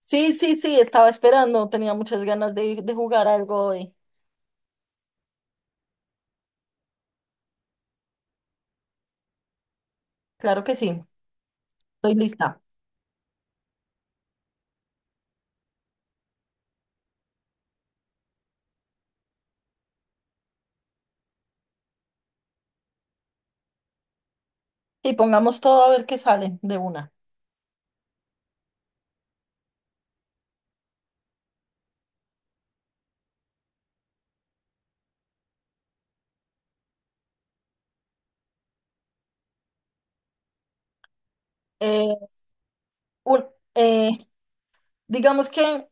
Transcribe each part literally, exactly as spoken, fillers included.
Sí, sí, sí, estaba esperando, tenía muchas ganas de, de jugar algo hoy. Claro que sí, estoy lista. Y pongamos todo a ver qué sale de una. Eh, un- eh, digamos que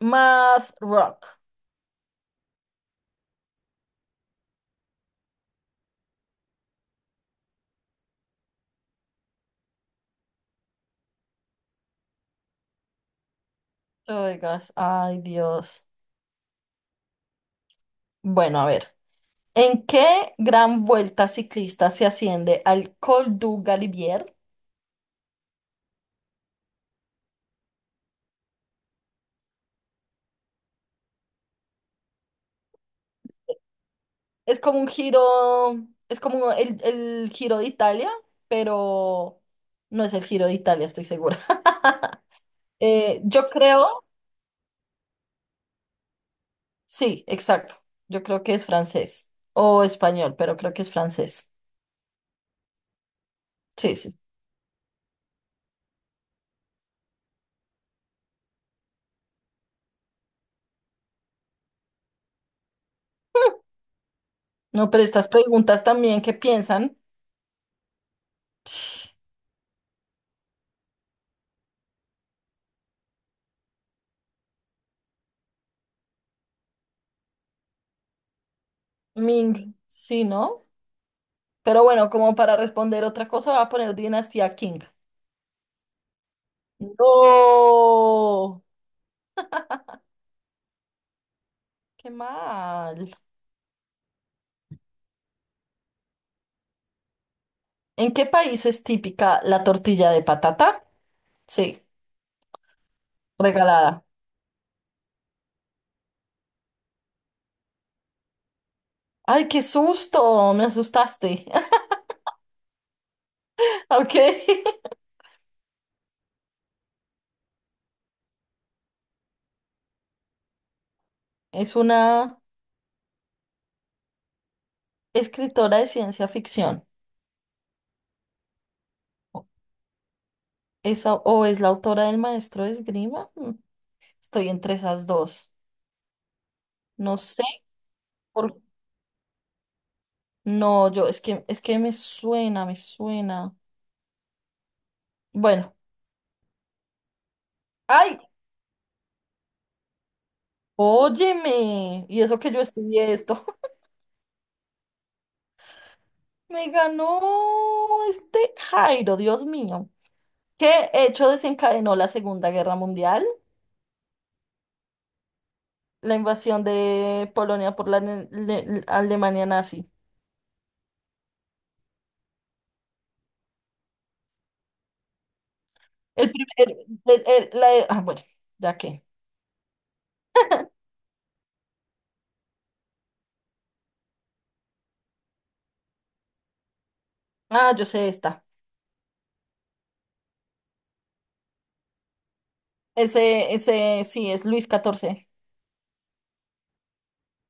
Math Rock. Oigas, ay Dios. Bueno, a ver. ¿En qué gran vuelta ciclista se asciende al Col du Galibier? Es como un giro, es como el, el giro de Italia, pero no es el giro de Italia, estoy segura. Eh, yo creo. Sí, exacto. Yo creo que es francés o español, pero creo que es francés. Sí, sí. No, pero estas preguntas también, ¿qué piensan? Psh, Ming, sí, ¿no? Pero bueno, como para responder otra cosa, va a poner Dinastía King. No, qué mal. ¿En qué país es típica la tortilla de patata? Sí, regalada. Ay, qué susto, me asustaste. Ok. Es una escritora de ciencia ficción. Es, au- o es la autora del maestro de esgrima. Mm, estoy entre esas dos. No sé por... No, yo, es que, es que me suena, me suena. Bueno, ¡ay! Óyeme. Y eso que yo estudié esto. Me ganó este Jairo, Dios mío. ¿Qué hecho desencadenó la Segunda Guerra Mundial? La invasión de Polonia por la ne- le- Alemania nazi. El primer, el- el- la- ah, bueno, ya que. Ah, yo sé esta. Ese, ese sí es Luis catorce.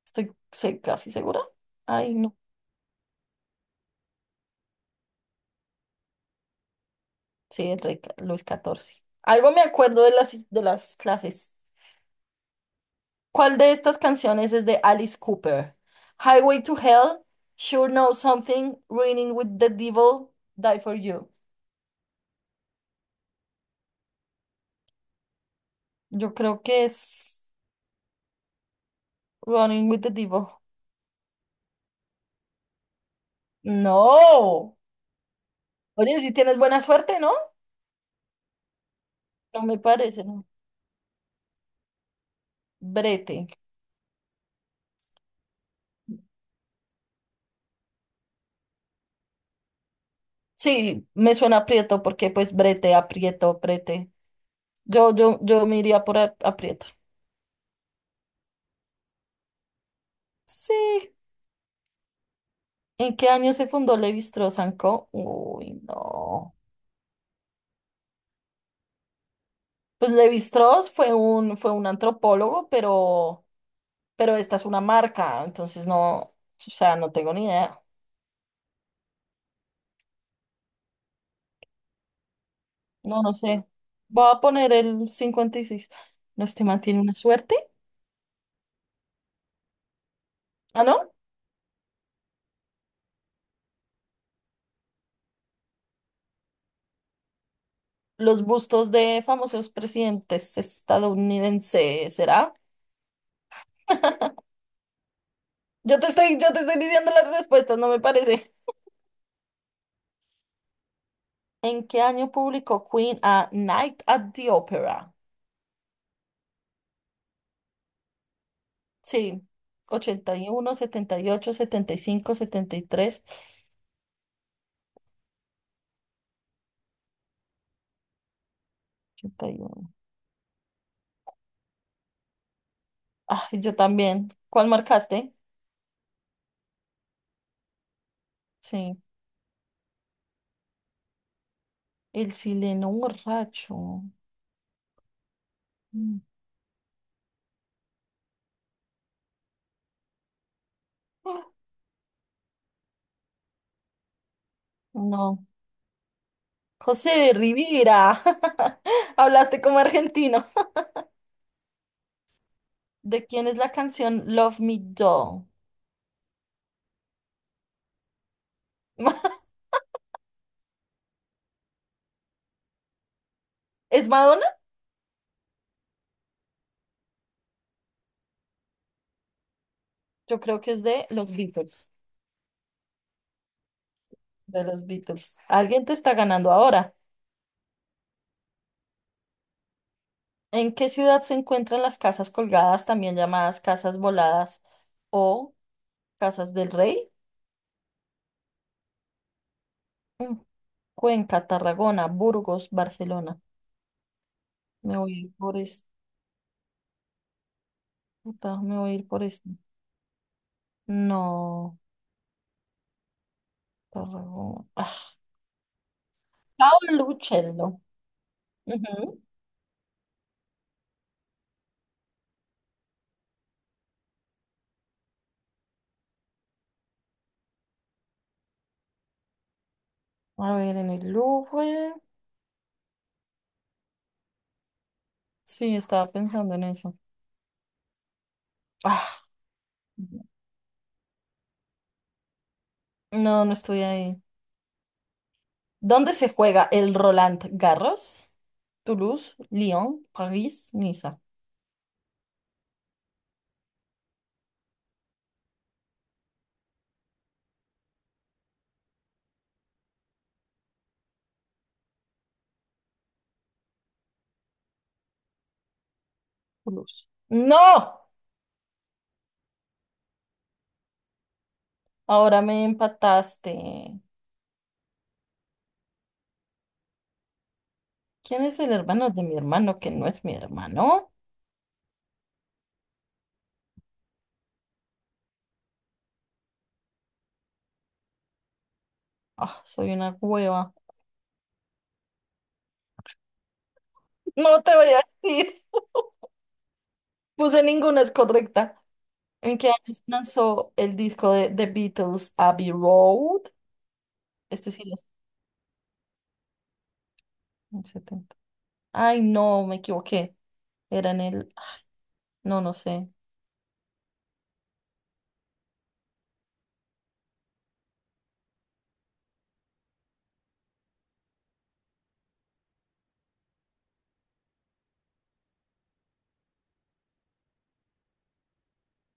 Estoy se- casi segura. Ay, no. Sí, es re- Luis catorce. Algo me acuerdo de las, de las clases. ¿Cuál de estas canciones es de Alice Cooper? Highway to Hell, Sure Know Something, Running with the Devil, Die for You. Yo creo que es Running with the Devil. No. Oye, si tienes buena suerte, ¿no? No me parece, ¿no? Brete. Sí, me suena aprieto porque pues brete, aprieto, brete. Yo, yo, yo me iría por a- aprieto. Sí. ¿En qué año se fundó Levi-Strauss Co? Uy, no. Pues Levi-Strauss fue un, fue un antropólogo, pero, pero esta es una marca, entonces no, o sea, no tengo ni idea. No, no sé. Voy a poner el cincuenta y seis. No, este man tiene una suerte. Ah, ¿no? Los bustos de famosos presidentes estadounidenses, ¿será? Yo te estoy, yo te estoy diciendo las respuestas, no me parece. ¿En qué año publicó Queen a Night at the Opera? Sí, ochenta y y y uno, setenta setenta setenta ocho, cinco, setenta y tres, ochenta y uno. Ay, yo también. ¿Cuál marcaste? Sí, el sileno borracho. Mm. Ah, no, José de Rivera. Hablaste como argentino. ¿De quién es la canción Love Me Do? ¿Es Madonna? Yo creo que es de los Beatles. De los Beatles. Alguien te está ganando ahora. ¿En qué ciudad se encuentran las casas colgadas, también llamadas casas voladas o casas del rey? Mm, Cuenca, Tarragona, Burgos, Barcelona. Me voy a ir por esto. Me voy a ir por esto. No, Tarragona. Ah, Paolo Uccello. Ujú. A ver, en el Louvre. Sí, estaba pensando en eso. Ah, no, no estoy ahí. ¿Dónde se juega el Roland Garros? Toulouse, Lyon, París, Niza. Toulouse. ¡No! Ahora me empataste. ¿Quién es el hermano de mi hermano que no es mi hermano? Ah, soy una hueva. No te voy a decir. Puse ninguna es correcta. ¿En qué años lanzó el disco de The Beatles Abbey Road? Este sí lo sé. El setenta. Ay, no, me equivoqué. Era en el. No, no sé.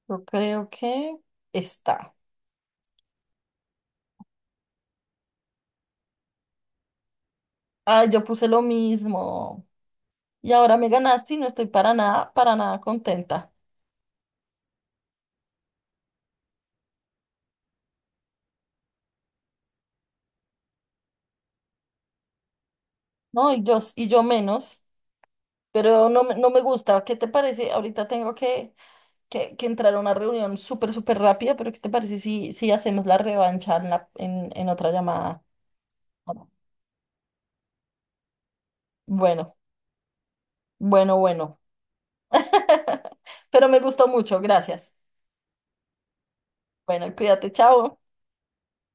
Yo creo que está. Ay, yo puse lo mismo. Y ahora me ganaste y no estoy para nada, para nada contenta, ¿no? Y yo, s- y yo menos, pero no, me- no me gusta. ¿Qué te parece? Ahorita tengo que, que, que entrar a una reunión súper, súper rápida, pero ¿qué te parece si, si hacemos la revancha en, la- en, en otra llamada? Bueno, bueno, bueno. Pero me gustó mucho, gracias. Bueno, cuídate, chao.